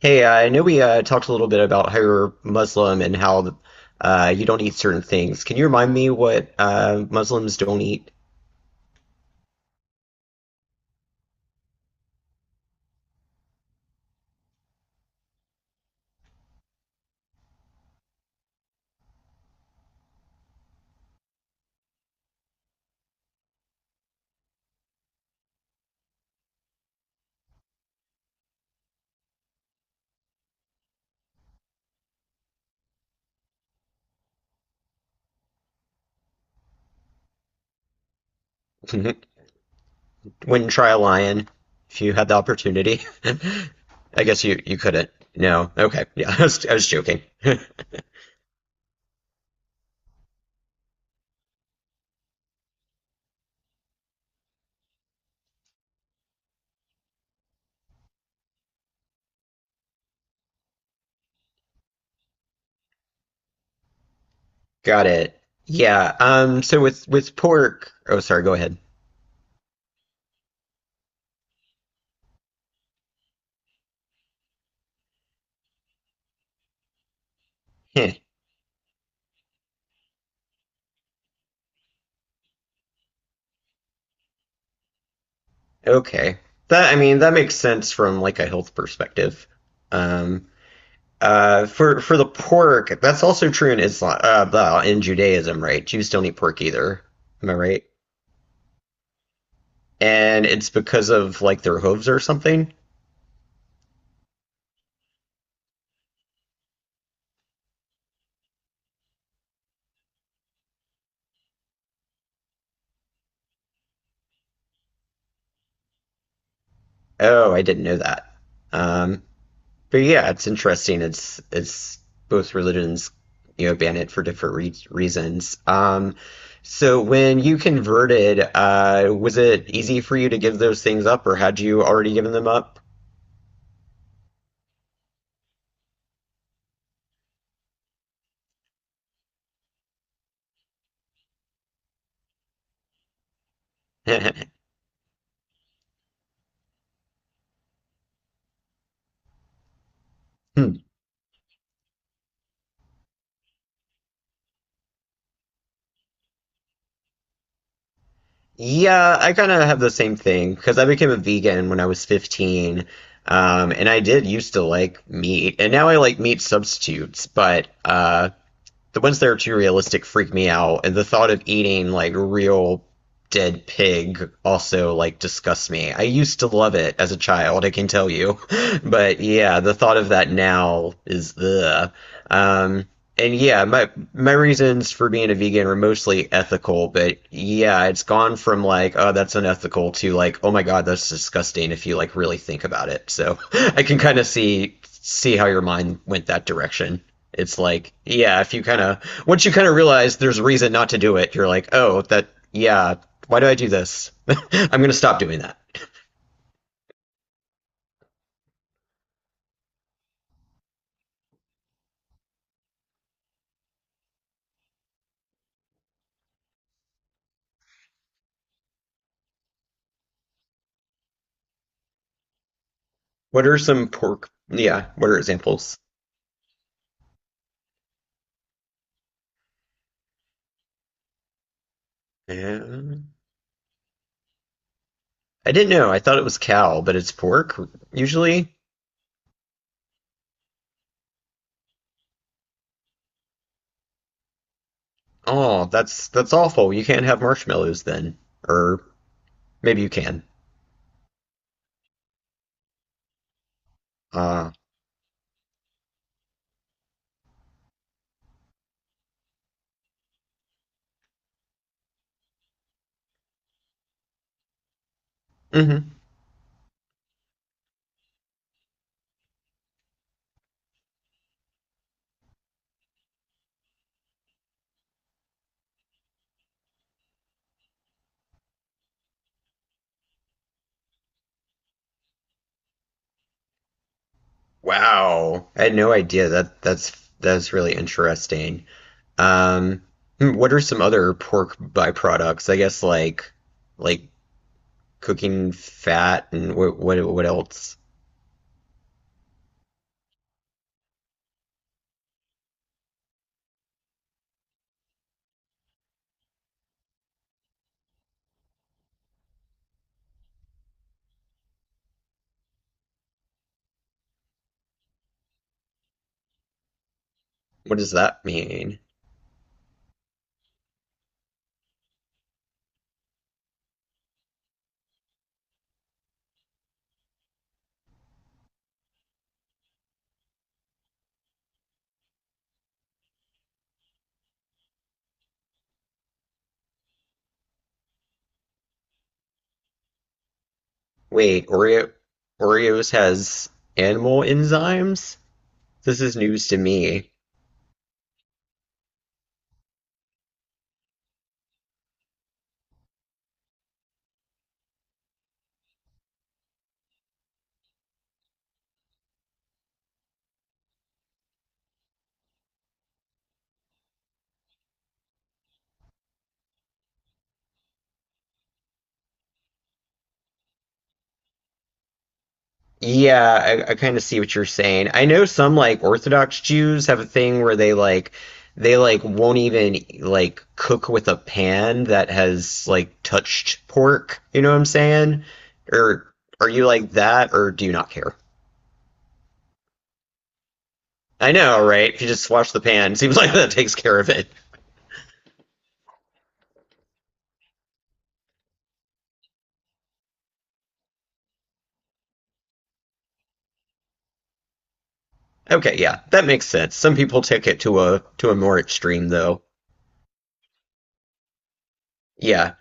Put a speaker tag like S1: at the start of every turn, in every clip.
S1: Hey, I know we talked a little bit about how you're Muslim and how you don't eat certain things. Can you remind me what Muslims don't eat? Wouldn't try a lion if you had the opportunity. I guess you couldn't. No. Okay. Yeah, I was joking. Got it. Yeah. So with pork. Oh, sorry. Go ahead. Heh. Okay. That I mean that makes sense from like a health perspective. Um. For the pork, that's also true in Islam, well, in Judaism, right? Jews don't eat pork either. Am I right? And it's because of like their hooves or something. Oh, I didn't know that. Um, but yeah, it's interesting. It's both religions, you know, ban it for different re reasons. So when you converted, was it easy for you to give those things up, or had you already given them up? Yeah, I kind of have the same thing because I became a vegan when I was 15. And I did used to like meat, and now I like meat substitutes, but the ones that are too realistic freak me out. And the thought of eating like real dead pig also like disgusts me. I used to love it as a child, I can tell you. But yeah, the thought of that now is ugh. Um, and yeah, my reasons for being a vegan were mostly ethical, but yeah, it's gone from like, oh, that's unethical to like, oh my God, that's disgusting if you like really think about it. So I can kind of see how your mind went that direction. It's like, yeah, if you kind of once you kind of realize there's a reason not to do it, you're like, oh, that yeah, why do I do this? I'm gonna stop doing that. What are some pork? Yeah, what are examples? Yeah. I didn't know. I thought it was cow, but it's pork usually. Oh, that's awful. You can't have marshmallows then. Or maybe you can. Uh, mhm. Wow. I had no idea that that's really interesting. Um, hmm, what are some other pork byproducts? I guess like cooking fat and what what else? What does that mean? Wait, Oreos has animal enzymes? This is news to me. Yeah, I kind of see what you're saying. I know some like Orthodox Jews have a thing where they like won't even like cook with a pan that has like touched pork. You know what I'm saying? Or are you like that, or do you not care? I know, right? If you just wash the pan, seems like that takes care of it. Okay, yeah, that makes sense. Some people take it to a more extreme though. Yeah,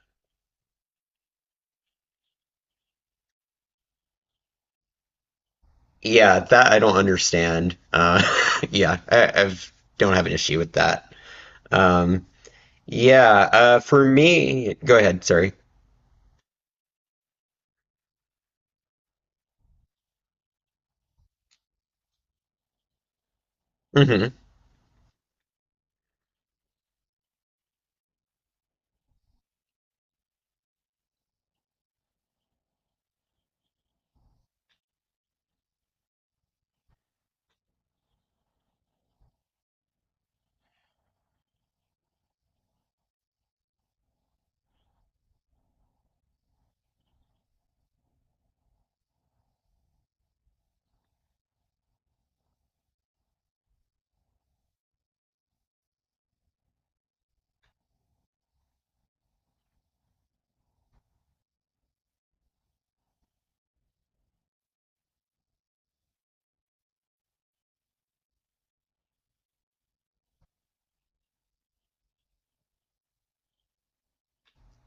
S1: yeah, that I don't understand. Yeah, I've don't have an issue with that. Um, Yeah, for me, go ahead, sorry. Hmm.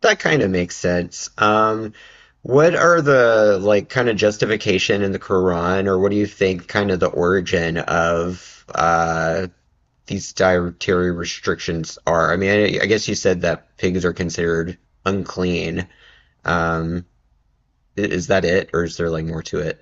S1: That kind of makes sense. What are the like kind of justification in the Quran, or what do you think kind of the origin of these dietary restrictions are? I mean, I guess you said that pigs are considered unclean. Um, is that it, or is there like more to it?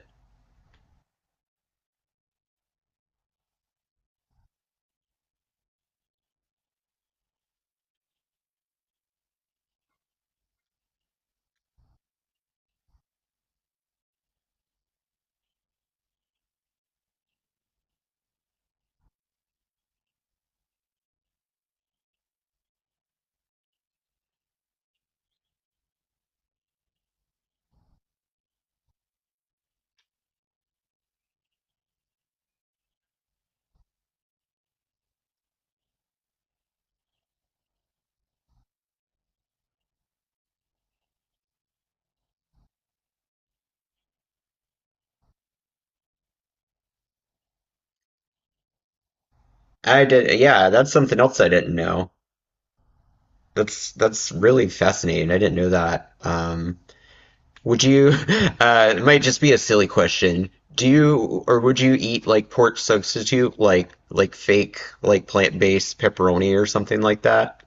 S1: I did, yeah, that's something else I didn't know. That's really fascinating. I didn't know that. Would you, it might just be a silly question. Do you, or would you eat like pork substitute, like fake, like plant-based pepperoni or something like that?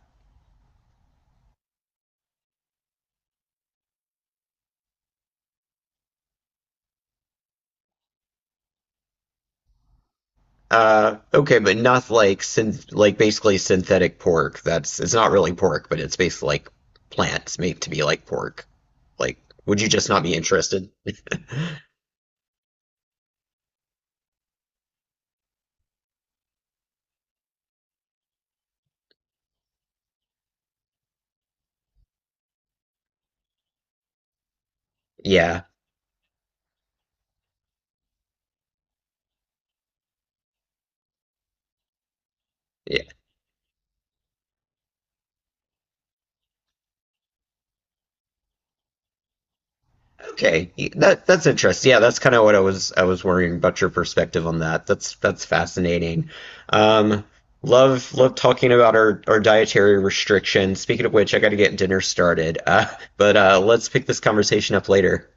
S1: Okay, but not like synth, like basically synthetic pork. That's it's not really pork, but it's basically like plants made to be like pork. Like, would you just not be interested? Yeah. Okay, that's interesting. Yeah, that's kind of what I was worrying about your perspective on that. That's fascinating. Um, love talking about our dietary restrictions. Speaking of which, I got to get dinner started. But let's pick this conversation up later.